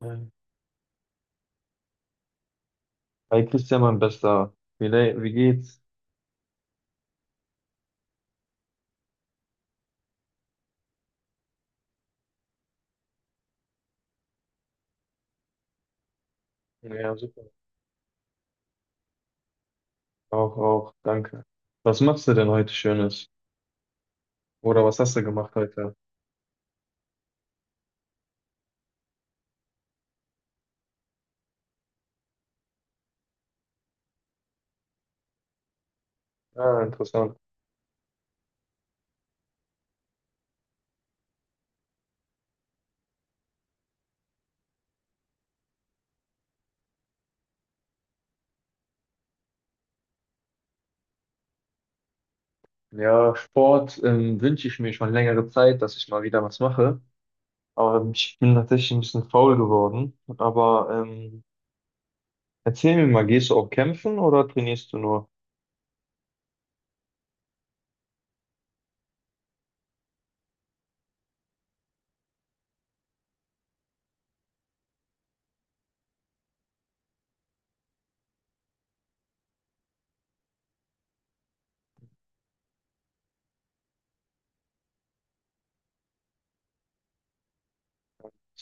Nein. Hi Christian, mein Bester. Wie geht's? Ja, super. Auch, auch, danke. Was machst du denn heute Schönes? Oder was hast du gemacht heute? Ah, interessant. Ja, Sport wünsche ich mir schon längere Zeit, dass ich mal wieder was mache. Aber ich bin tatsächlich ein bisschen faul geworden. Aber erzähl mir mal, gehst du auch kämpfen oder trainierst du nur?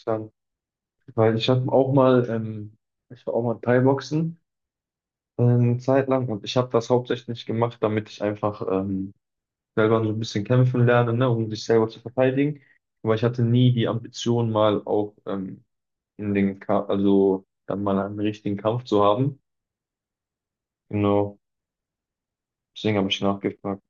Dann, weil ich habe auch mal, ich war auch mal Thai-Boxen eine Zeit lang, und ich habe das hauptsächlich gemacht, damit ich einfach selber so ein bisschen kämpfen lernen, ne, um sich selber zu verteidigen. Aber ich hatte nie die Ambition, mal auch in den Ka also dann mal einen richtigen Kampf zu haben. Genau, deswegen habe ich nachgefragt.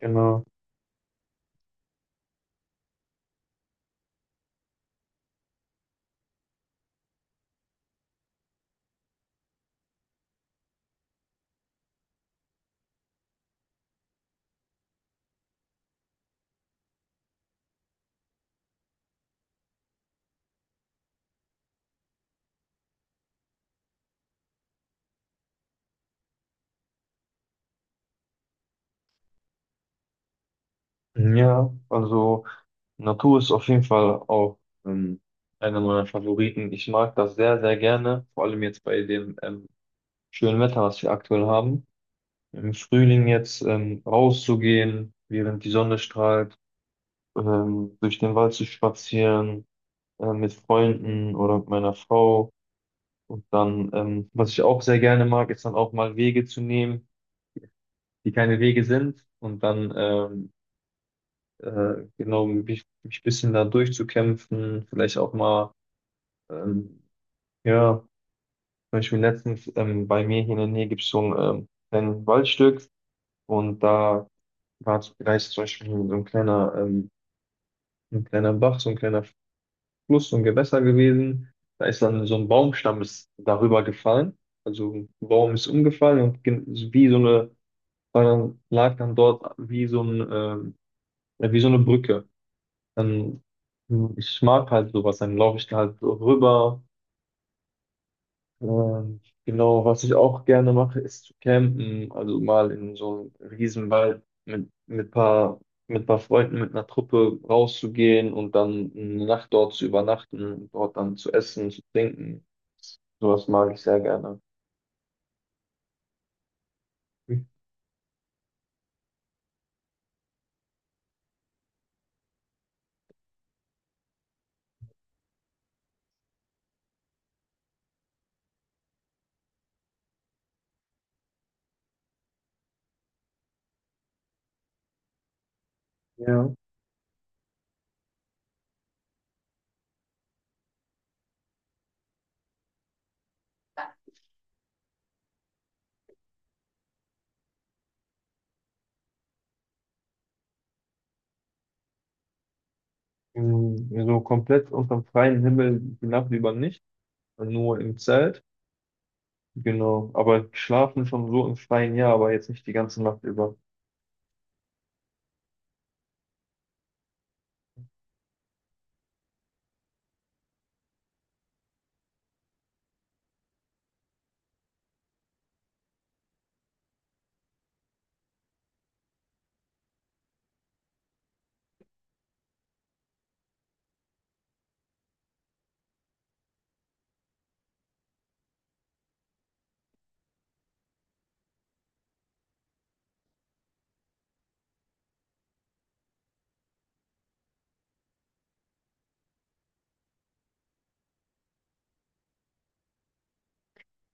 Genau. Ja, also Natur ist auf jeden Fall auch ähm, einer meiner Favoriten. Ich mag das sehr, sehr gerne, vor allem jetzt bei dem schönen Wetter, was wir aktuell haben. Im Frühling jetzt rauszugehen, während die Sonne strahlt, durch den Wald zu spazieren, mit Freunden oder mit meiner Frau. Und dann, was ich auch sehr gerne mag, ist dann auch mal Wege zu nehmen, die keine Wege sind. Und dann, genau, mich ein bisschen da durchzukämpfen. Vielleicht auch mal, ähm, ja, zum Beispiel letztens bei mir hier in der Nähe gibt es so ein kleines Waldstück. Und da da ist zum Beispiel so ein kleiner, ein kleiner Bach, so ein kleiner Fluss, so ein Gewässer gewesen. Da ist dann so ein Baumstamm ist darüber gefallen. Also ein Baum ist umgefallen und wie so eine, war dann, lag dann dort wie so ein, wie so eine Brücke. Dann, hm, ich mag halt sowas, dann laufe ich da halt so rüber, genau, was ich auch gerne mache, ist zu campen. Also mal in so einem Riesenwald mit mit paar Freunden, mit einer Truppe rauszugehen und dann eine Nacht dort zu übernachten und dort dann zu essen, zu trinken. Sowas mag ich sehr gerne. Ja. Mm, so komplett unter dem freien Himmel die Nacht über nicht, nur im Zelt. Genau, aber schlafen schon so im Freien, ja, aber jetzt nicht die ganze Nacht über.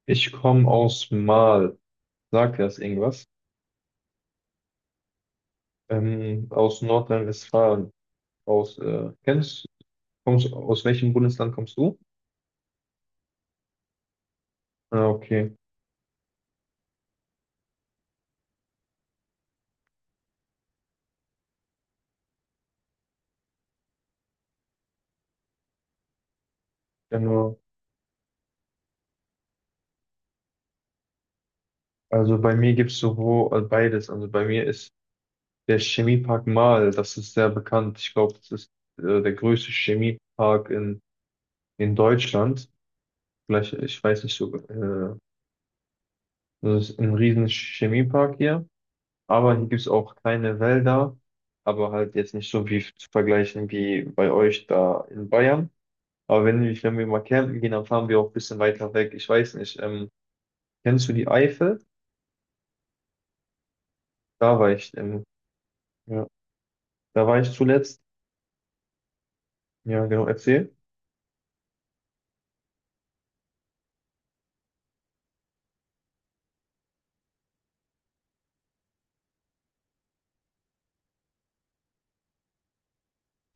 Ich komme aus Mal. Sagt dir das irgendwas? Aus Nordrhein-Westfalen. Aus, äh, kennst, kommst, aus welchem Bundesland kommst du? Ah, okay. Genau. Also bei mir gibt es sowohl beides. Also bei mir ist der Chemiepark Marl, das ist sehr bekannt. Ich glaube, das ist der größte Chemiepark in Deutschland. Vielleicht, ich weiß nicht so, das ist ein riesen Chemiepark hier. Aber hier gibt es auch keine Wälder, aber halt jetzt nicht so wie zu vergleichen wie bei euch da in Bayern. Aber wenn wir mal campen gehen, dann fahren wir auch ein bisschen weiter weg. Ich weiß nicht, kennst du die Eifel? Da war ich, ja, da war ich zuletzt. Ja, genau, erzähl.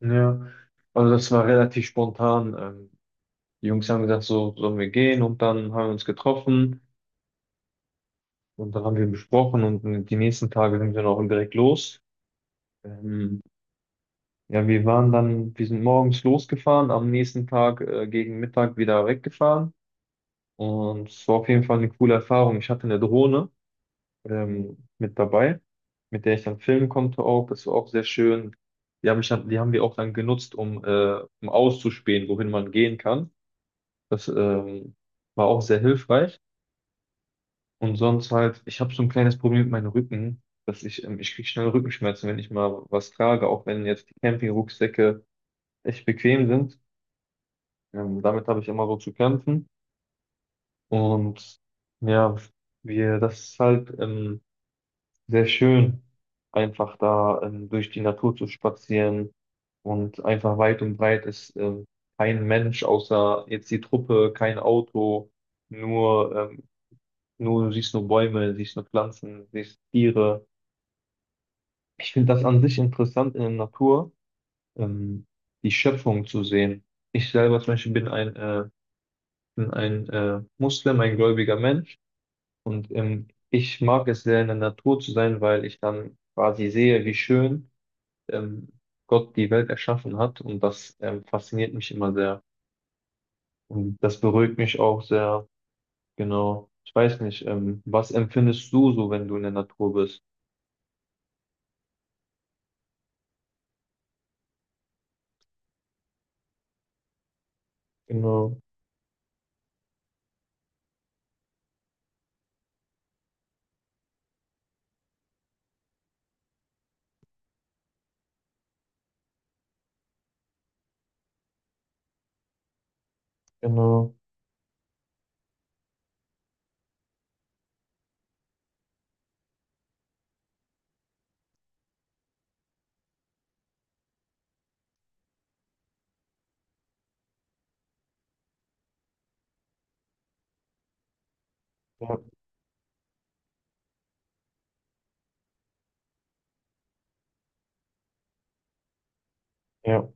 Ja, also das war relativ spontan. Die Jungs haben gesagt, so sollen wir gehen, und dann haben wir uns getroffen und dann haben wir besprochen, und die nächsten Tage sind wir dann auch direkt los. Ähm, ja, wir waren dann, wir sind morgens losgefahren, am nächsten Tag gegen Mittag wieder weggefahren, und es war auf jeden Fall eine coole Erfahrung. Ich hatte eine Drohne mit dabei, mit der ich dann filmen konnte auch. Das war auch sehr schön. Die haben ich dann, die haben wir auch dann genutzt, um auszuspähen, wohin man gehen kann. Das war auch sehr hilfreich. Und sonst halt, ich habe so ein kleines Problem mit meinem Rücken, dass ich kriege schnell Rückenschmerzen, wenn ich mal was trage, auch wenn jetzt die Campingrucksäcke echt bequem sind. Damit habe ich immer so zu kämpfen. Und ja, das ist halt, sehr schön, einfach da durch die Natur zu spazieren, und einfach weit und breit ist kein Mensch außer jetzt die Truppe, kein Auto, nur, nur du siehst nur Bäume, siehst nur Pflanzen, siehst Tiere. Ich finde das an sich interessant in der Natur, ähm, die Schöpfung zu sehen. Ich selber zum Beispiel bin bin ein Muslim, ein gläubiger Mensch, und ich mag es sehr in der Natur zu sein, weil ich dann quasi sehe, wie schön ähm, Gott die Welt erschaffen hat. Und das fasziniert mich immer sehr. Und das beruhigt mich auch sehr. Genau. Ich weiß nicht, was empfindest du so, wenn du in der Natur bist? Genau, genau. Ja, ja,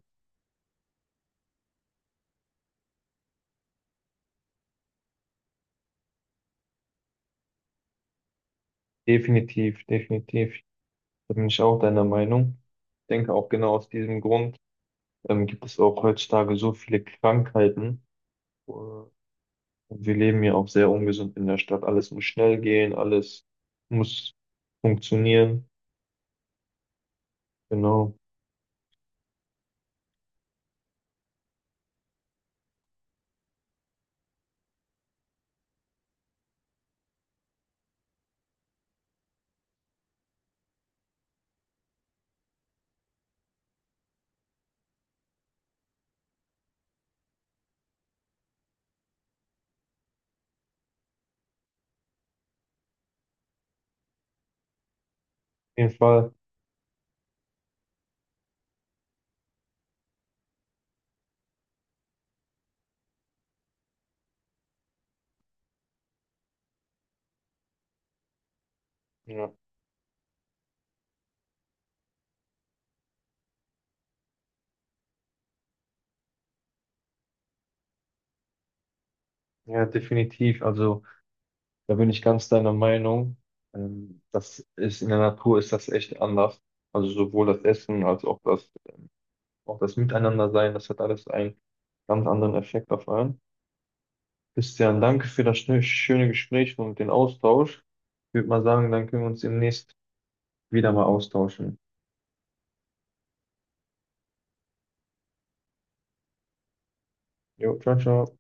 definitiv, definitiv. Da bin ich auch deiner Meinung. Ich denke auch genau aus diesem Grund gibt es auch heutzutage so viele Krankheiten. Äh, Und wir leben ja auch sehr ungesund in der Stadt. Alles muss schnell gehen, alles muss funktionieren. Genau. Auf jeden Fall. Ja, ja, definitiv. Also da bin ich ganz deiner Meinung. Das ist in der Natur, ist das echt anders. Also sowohl das Essen als auch das Miteinandersein, das hat alles einen ganz anderen Effekt auf einen. Christian, danke für das schöne schöne Gespräch und den Austausch. Ich würde mal sagen, dann können wir uns demnächst wieder mal austauschen. Jo, ciao, ciao.